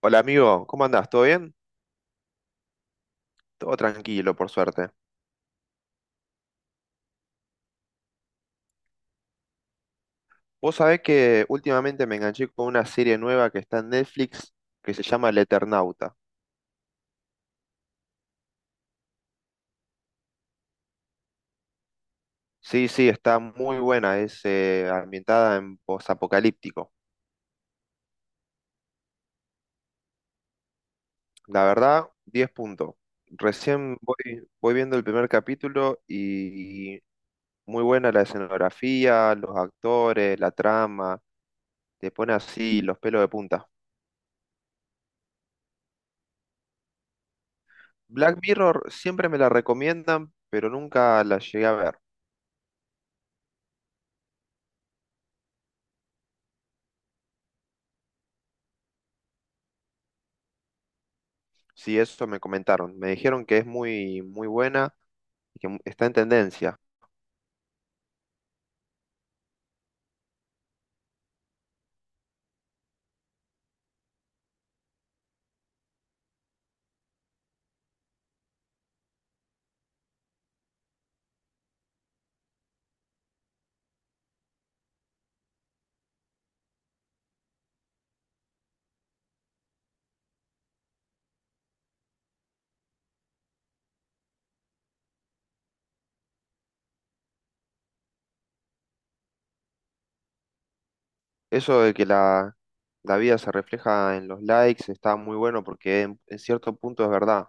Hola amigo, ¿cómo andás? ¿Todo bien? Todo tranquilo, por suerte. Vos sabés que últimamente me enganché con una serie nueva que está en Netflix que se llama El Eternauta. Sí, sí, está muy buena, es ambientada en posapocalíptico. La verdad, 10 puntos. Recién voy viendo el primer capítulo y muy buena la escenografía, los actores, la trama, te pone así los pelos de punta. Black Mirror siempre me la recomiendan, pero nunca la llegué a ver. Sí, eso me comentaron. Me dijeron que es muy, muy buena y que está en tendencia. Eso de que la vida se refleja en los likes está muy bueno porque en cierto punto es verdad.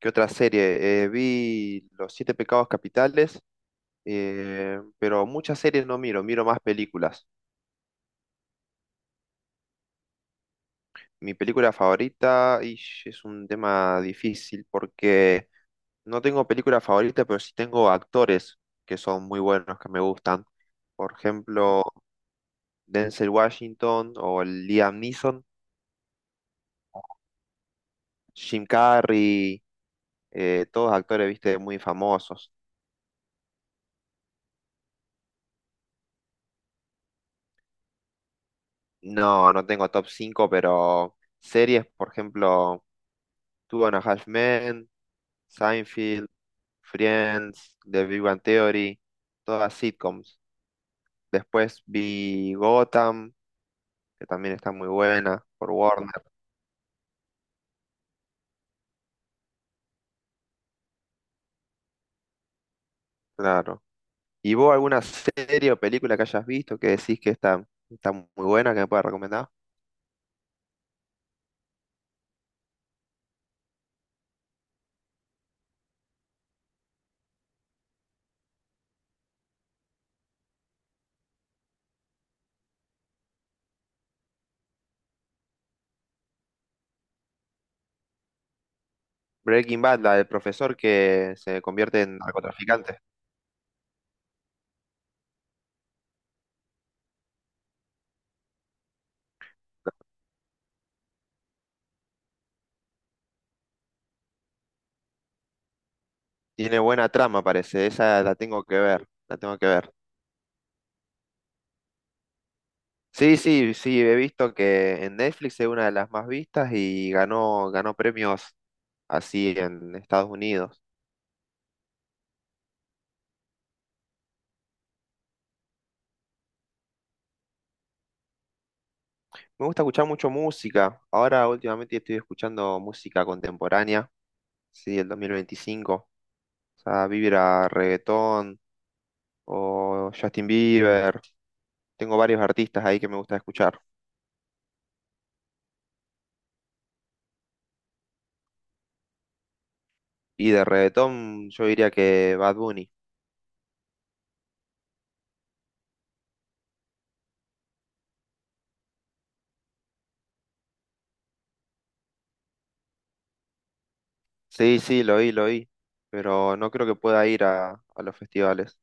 ¿Qué otra serie? Vi Los Siete Pecados Capitales, pero muchas series no miro más películas. Mi película favorita, es un tema difícil porque no tengo película favorita, pero sí tengo actores que son muy buenos, que me gustan. Por ejemplo. Denzel Washington o el Liam Neeson, Jim Carrey, todos actores, viste, muy famosos. No, no tengo top 5, pero series, por ejemplo, Two and a Half Men, Seinfeld, Friends, The Big Bang Theory, todas sitcoms. Después vi Gotham, que también está muy buena, por Warner, claro. ¿Y vos alguna serie o película que hayas visto que decís que está muy buena, que me puedas recomendar? Breaking Bad, la del profesor que se convierte en narcotraficante. Tiene buena trama, parece. Esa la tengo que ver. La tengo que ver. Sí, sí, sí, he visto que en Netflix es una de las más vistas y ganó premios así en Estados Unidos. Me gusta escuchar mucho música. Ahora últimamente estoy escuchando música contemporánea, sí, el 2025. O sea, Vibra, reggaetón o Justin Bieber. Tengo varios artistas ahí que me gusta escuchar. Y de reggaetón yo diría que Bad Bunny. Sí, sí, lo oí, pero no creo que pueda ir a los festivales.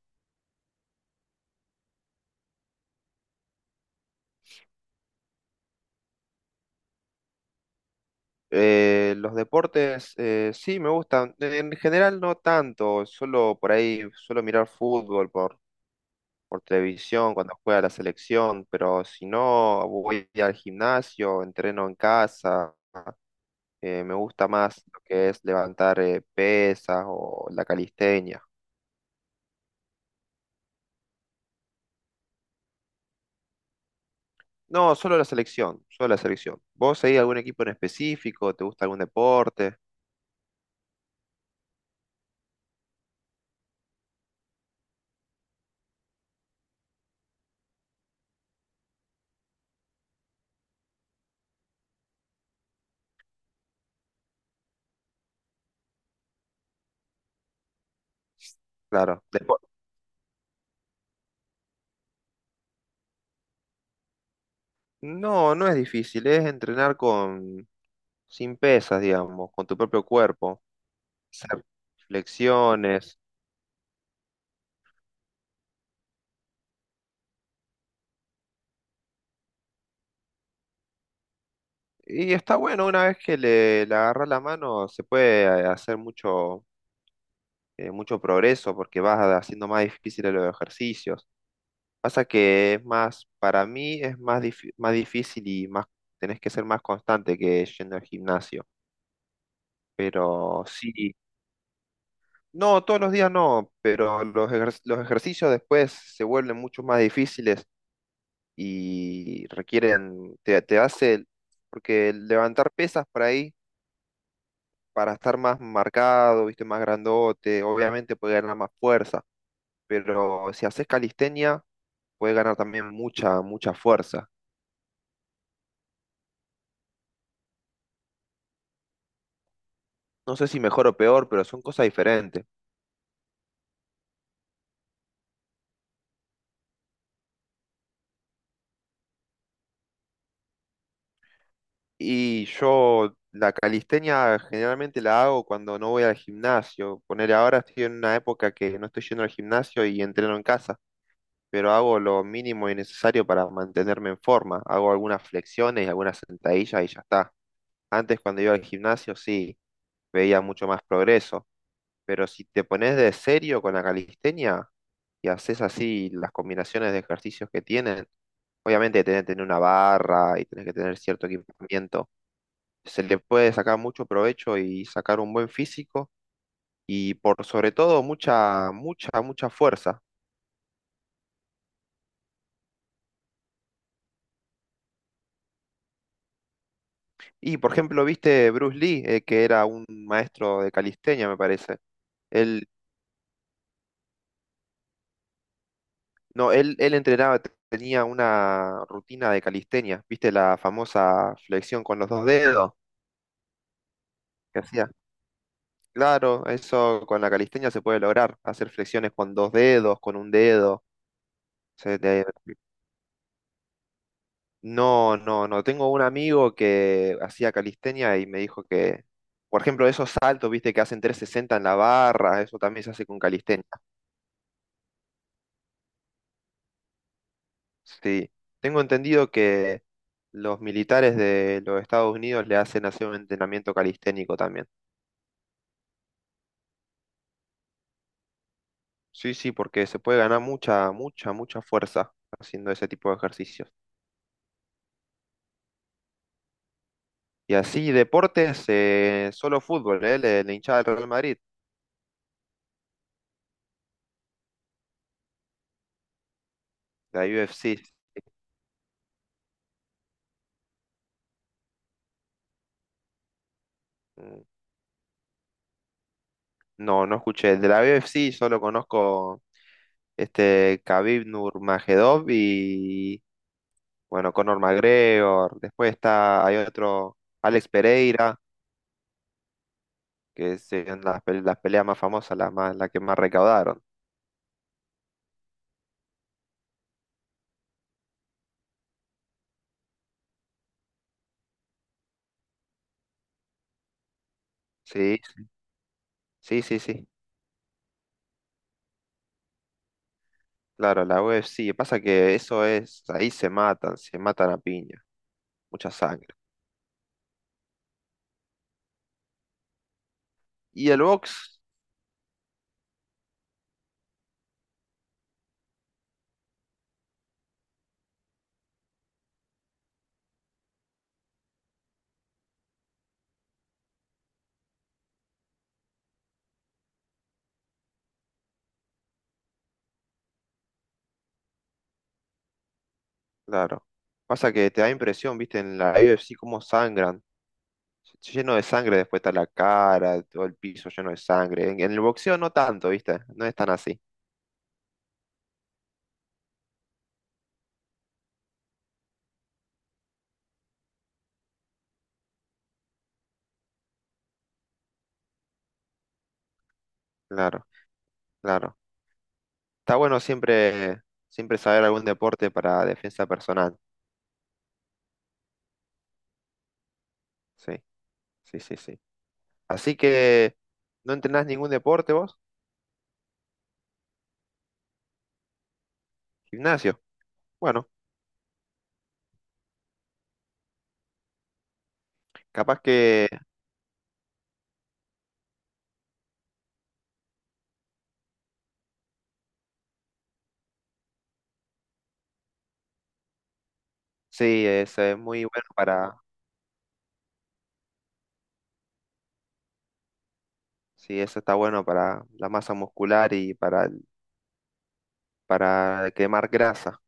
Los deportes sí me gustan, en general no tanto, solo por ahí suelo mirar fútbol por televisión cuando juega la selección, pero si no voy al gimnasio, entreno en casa, me gusta más lo que es levantar pesas o la calistenia. No, solo la selección, solo la selección. ¿Vos seguís algún equipo en específico? ¿Te gusta algún deporte? Claro. No, no es difícil, es entrenar con sin pesas, digamos, con tu propio cuerpo, hacer flexiones. Y está bueno, una vez que le agarras la mano, se puede hacer mucho, mucho progreso porque vas haciendo más difíciles los ejercicios. Pasa que es más, para mí es más, más difícil y más, tenés que ser más constante que yendo al gimnasio. Pero sí, no, todos los días no, pero los ejercicios después se vuelven mucho más difíciles y requieren, te hace, porque levantar pesas por ahí, para estar más marcado, viste, más grandote, obviamente puede ganar más fuerza, pero si haces calistenia, puede ganar también mucha, mucha fuerza. No sé si mejor o peor, pero son cosas diferentes. Y yo la calistenia generalmente la hago cuando no voy al gimnasio. Poner ahora estoy en una época que no estoy yendo al gimnasio y entreno en casa, pero hago lo mínimo y necesario para mantenerme en forma. Hago algunas flexiones y algunas sentadillas y ya está. Antes cuando iba al gimnasio sí, veía mucho más progreso. Pero si te pones de serio con la calistenia y haces así las combinaciones de ejercicios que tienen, obviamente tenés que tener una barra y tenés que tener cierto equipamiento. Se le puede sacar mucho provecho y sacar un buen físico y por sobre todo mucha, mucha, mucha fuerza. Y por ejemplo, viste Bruce Lee, que era un maestro de calistenia, me parece. Él, no, él entrenaba, tenía una rutina de calistenia, viste la famosa flexión con los dos dedos que hacía. Claro, eso con la calistenia se puede lograr, hacer flexiones con dos dedos, con un dedo. se te- No, no, no. Tengo un amigo que hacía calistenia y me dijo que, por ejemplo, esos saltos, viste, que hacen 360 en la barra, eso también se hace con calistenia. Sí. Tengo entendido que los militares de los Estados Unidos le hacen hacer un entrenamiento calisténico también. Sí, sí, porque se puede ganar mucha, mucha, mucha fuerza haciendo ese tipo de ejercicio. Y así, deportes, solo fútbol, ¿eh? La hinchada del Real Madrid, la UFC. Mm. No, no escuché. De la UFC solo conozco este Khabib Nurmagomedov y, bueno, Conor McGregor. Después está, hay otro, Alex Pereira, que son las peleas más famosas, las más, las que más recaudaron. Sí, sí, sí, sí. Claro, la UFC. Pasa que eso es, ahí se matan a piña, mucha sangre. Y el box. Claro. Pasa que te da impresión, viste, en la UFC cómo sangran. Lleno de sangre, después está la cara, todo el piso lleno de sangre. En el boxeo no tanto, viste, no es tan así. Claro, claro. Está bueno siempre, siempre saber algún deporte para defensa personal. Sí, sí, sí, sí. Así que, ¿no entrenás ningún deporte vos? Gimnasio. Bueno, capaz que sí, eso es, muy bueno para, sí, eso está bueno para la masa muscular y para quemar grasa.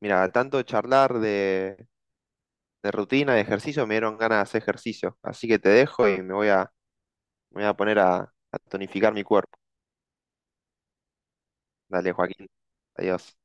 Mira, tanto charlar de rutina, de ejercicio, me dieron ganas de hacer ejercicio. Así que te dejo y me voy a poner a tonificar mi cuerpo. Dale, Joaquín. Adiós.